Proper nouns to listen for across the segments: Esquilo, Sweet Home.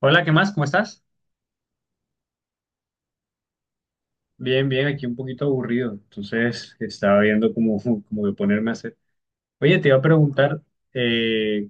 Hola, ¿qué más? ¿Cómo estás? Bien, bien, aquí un poquito aburrido, entonces estaba viendo cómo, cómo de ponerme a hacer. Oye, te iba a preguntar, eh,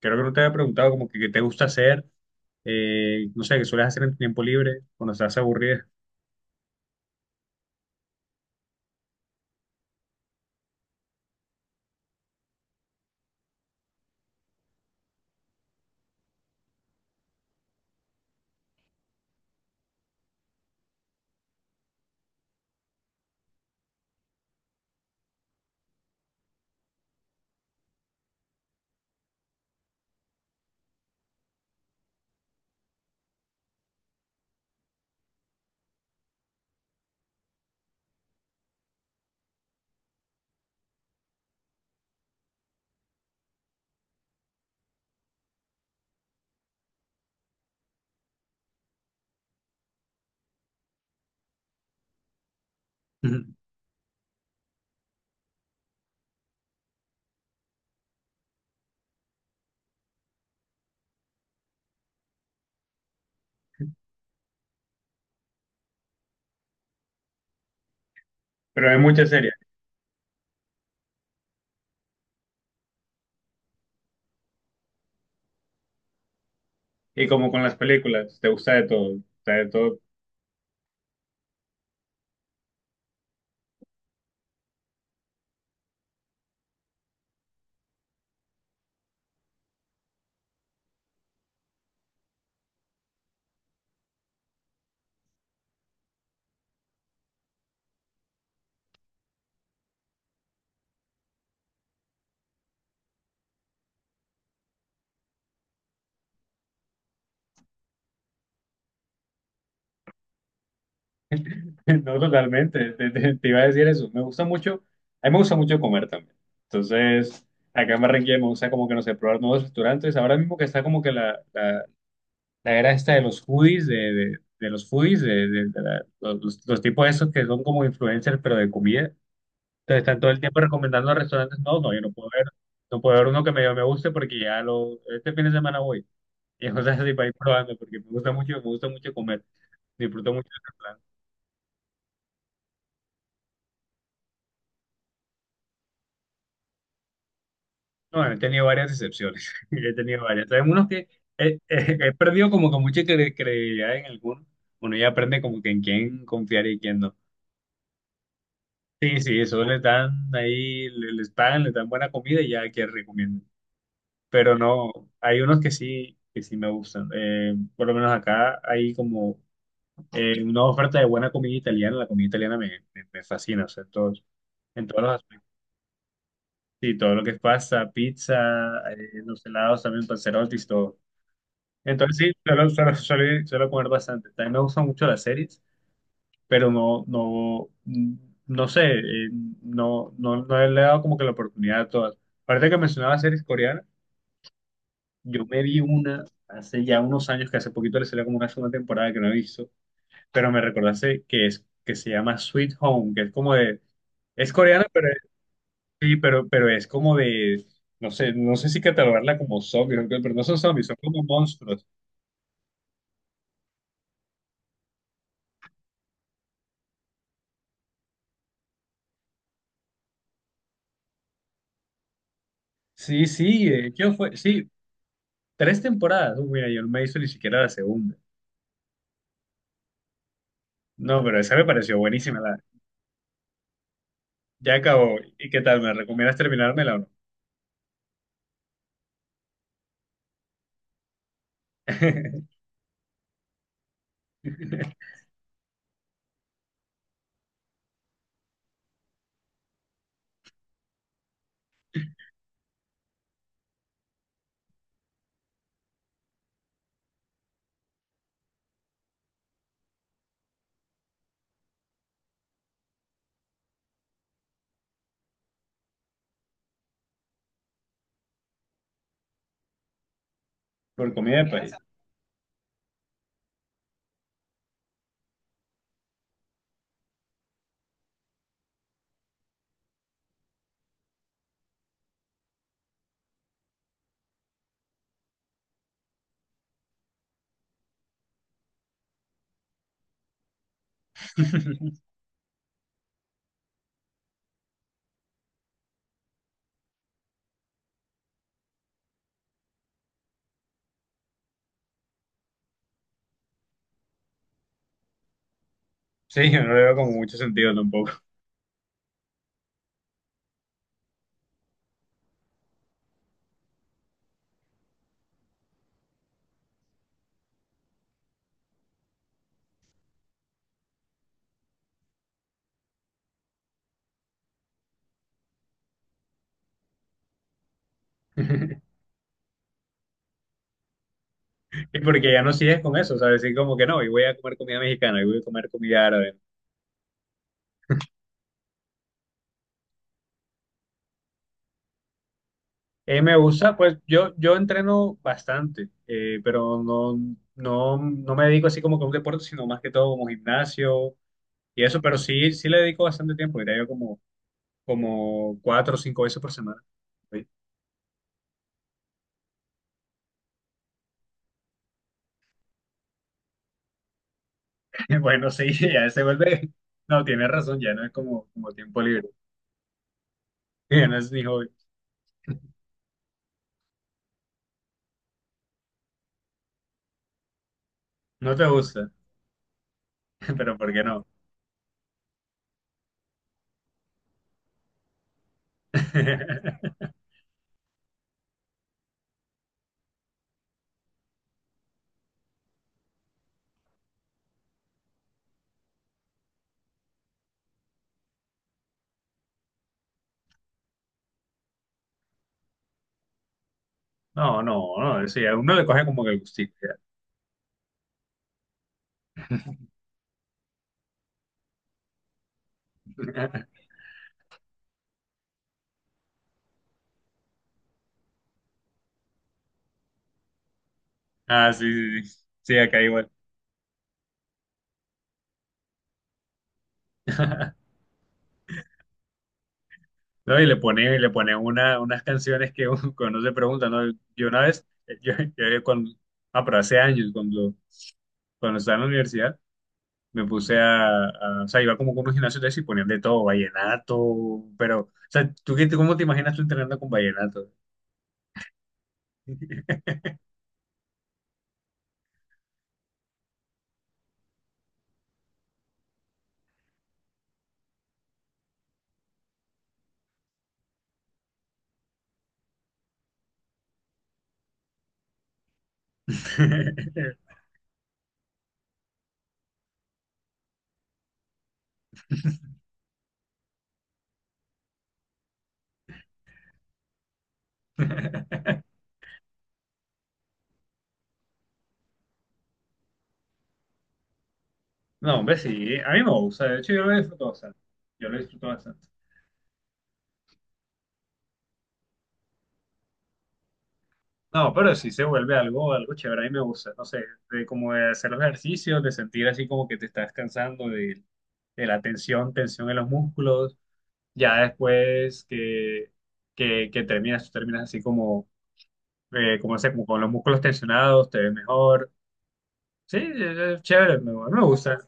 creo que no te había preguntado como que qué te gusta hacer, no sé, qué sueles hacer en tu tiempo libre cuando estás aburrida. Ujú. Pero hay muchas series. Y como con las películas, te gusta de todo. Te gusta de todo. No, totalmente. Te iba a decir eso. Me gusta mucho. A mí me gusta mucho comer también. Entonces, acá en Barranquilla me gusta como que, no sé, probar nuevos restaurantes. Ahora mismo que está como que la era esta de los foodies, de los foodies, los tipos esos que son como influencers, pero de comida. Entonces están todo el tiempo recomendando restaurantes. No, no, yo no puedo ver, no puedo ver uno que me guste porque ya lo, este fin de semana voy. Y cosas así para ir probando, porque me gusta mucho comer. Disfruto mucho del restaurante. No, he tenido varias decepciones. He tenido varias. Hay unos que he perdido como que mucha credibilidad en algunos. Uno ya aprende como que en quién confiar y quién no. Sí, sí, eso les dan ahí, les pagan, les dan buena comida y ya que recomienden. Pero no, hay unos que sí me gustan. Por lo menos acá hay como una oferta de buena comida italiana. La comida italiana me fascina, o sea, en todos los aspectos. Sí, todo lo que es pasta, pizza, los helados también, panzerotti, todo. Entonces sí, suelo comer bastante. También me gustan mucho las series. Pero no, no, no sé, no, no, no le he dado como que la oportunidad a todas. Aparte que mencionaba series coreanas, yo me vi una hace ya unos años, que hace poquito le salió como una segunda temporada que no he visto, pero me recordaste que que se llama Sweet Home, que es como de, es coreana, sí, pero es como de, no sé, no sé si catalogarla como zombies, pero no son zombies, son como monstruos. Sí, sí, de hecho fue, sí, tres temporadas. Mira, yo no me hizo ni siquiera la segunda. No, pero esa me pareció buenísima. Ya acabó. ¿Y qué tal? ¿Me recomiendas terminármela o no? Por comida de país. Sí, yo no le veo como mucho sentido tampoco. Y porque ya no sigues con eso, ¿sabes? Sí, como que no, y voy a comer comida mexicana, y voy a comer comida árabe. Me gusta, yo entreno bastante, pero no me dedico así como que a un deporte, sino más que todo como gimnasio y eso, pero sí, sí le dedico bastante tiempo, diría yo como, como 4 o 5 veces por semana. Bueno, sí, ya se vuelve. No, tienes razón, ya no es como, como tiempo libre. Ya no es ni hobby. No te gusta, pero ¿por qué no? No, no, no, sí, a uno le coge como que el gustito. Ya. Ah, sí, sí, sí, sí, acá igual. No, y le pone unas canciones que uno, que uno se pregunta, ¿no? Yo una vez, yo cuando, ah, pero hace años, cuando estaba en la universidad, me puse o sea, iba como con unos gimnasios de eso y ponían de todo, vallenato, pero, o sea, ¿tú qué, cómo te imaginas tú entrenando con vallenato? No, hombre, sí, a mí me gusta, de hecho yo lo disfruto bastante, yo lo disfruto bastante. No, pero sí se vuelve algo, algo chévere, a mí me gusta, no sé, de como de hacer los ejercicios, de sentir así como que te estás cansando de la tensión, tensión en los músculos, ya después que terminas, tú terminas así como como sea, como con los músculos tensionados, te ves mejor. Sí, es chévere, me gusta.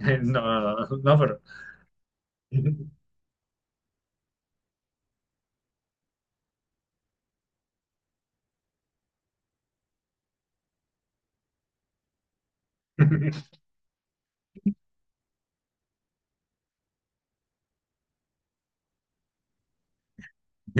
No, no, no, pero.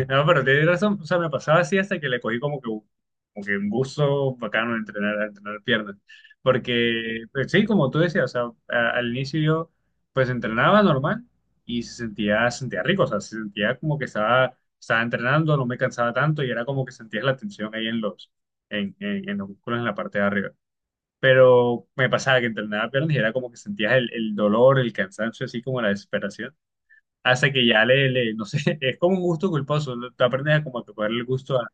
No, pero tienes razón. O sea, me pasaba así hasta que le cogí como que, como que un gusto bacano a entrenar piernas. Porque, pues, sí, como tú decías, o sea, al inicio yo pues entrenaba normal y se sentía rico, o sea, se sentía como que estaba, estaba entrenando, no me cansaba tanto y era como que sentías la tensión ahí en en los músculos en la parte de arriba. Pero me pasaba que entrenaba piernas y era como que sentías el dolor, el cansancio, así como la desesperación, hasta que ya no sé, es como un gusto culposo, ¿no? Tú aprendes a como que cogerle el gusto a,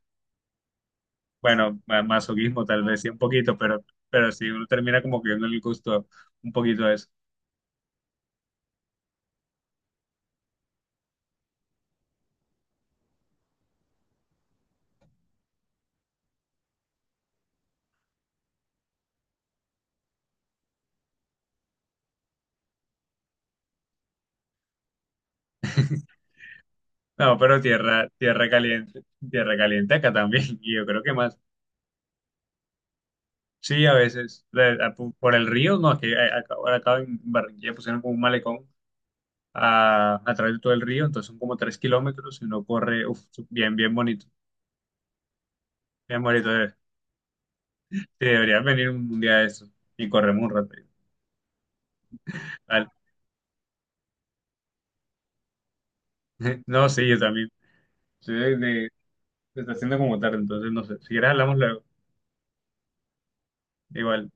bueno, a masoquismo tal vez, sí, un poquito, pero sí, uno termina como que dándole el gusto un poquito a eso. No, pero tierra, tierra caliente acá también, y yo creo que más. Sí, a veces, por el río, no, es que ahora acá en Barranquilla pusieron como un malecón a través de todo el río, entonces son como 3 kilómetros y uno corre, uf, bien, bien bonito, bien bonito. Sí, deberías venir un día de eso y corremos un rato. Vale. No, sí, yo también. Sí, se está haciendo como tarde, entonces no sé. Si quieres hablamos luego. Igual.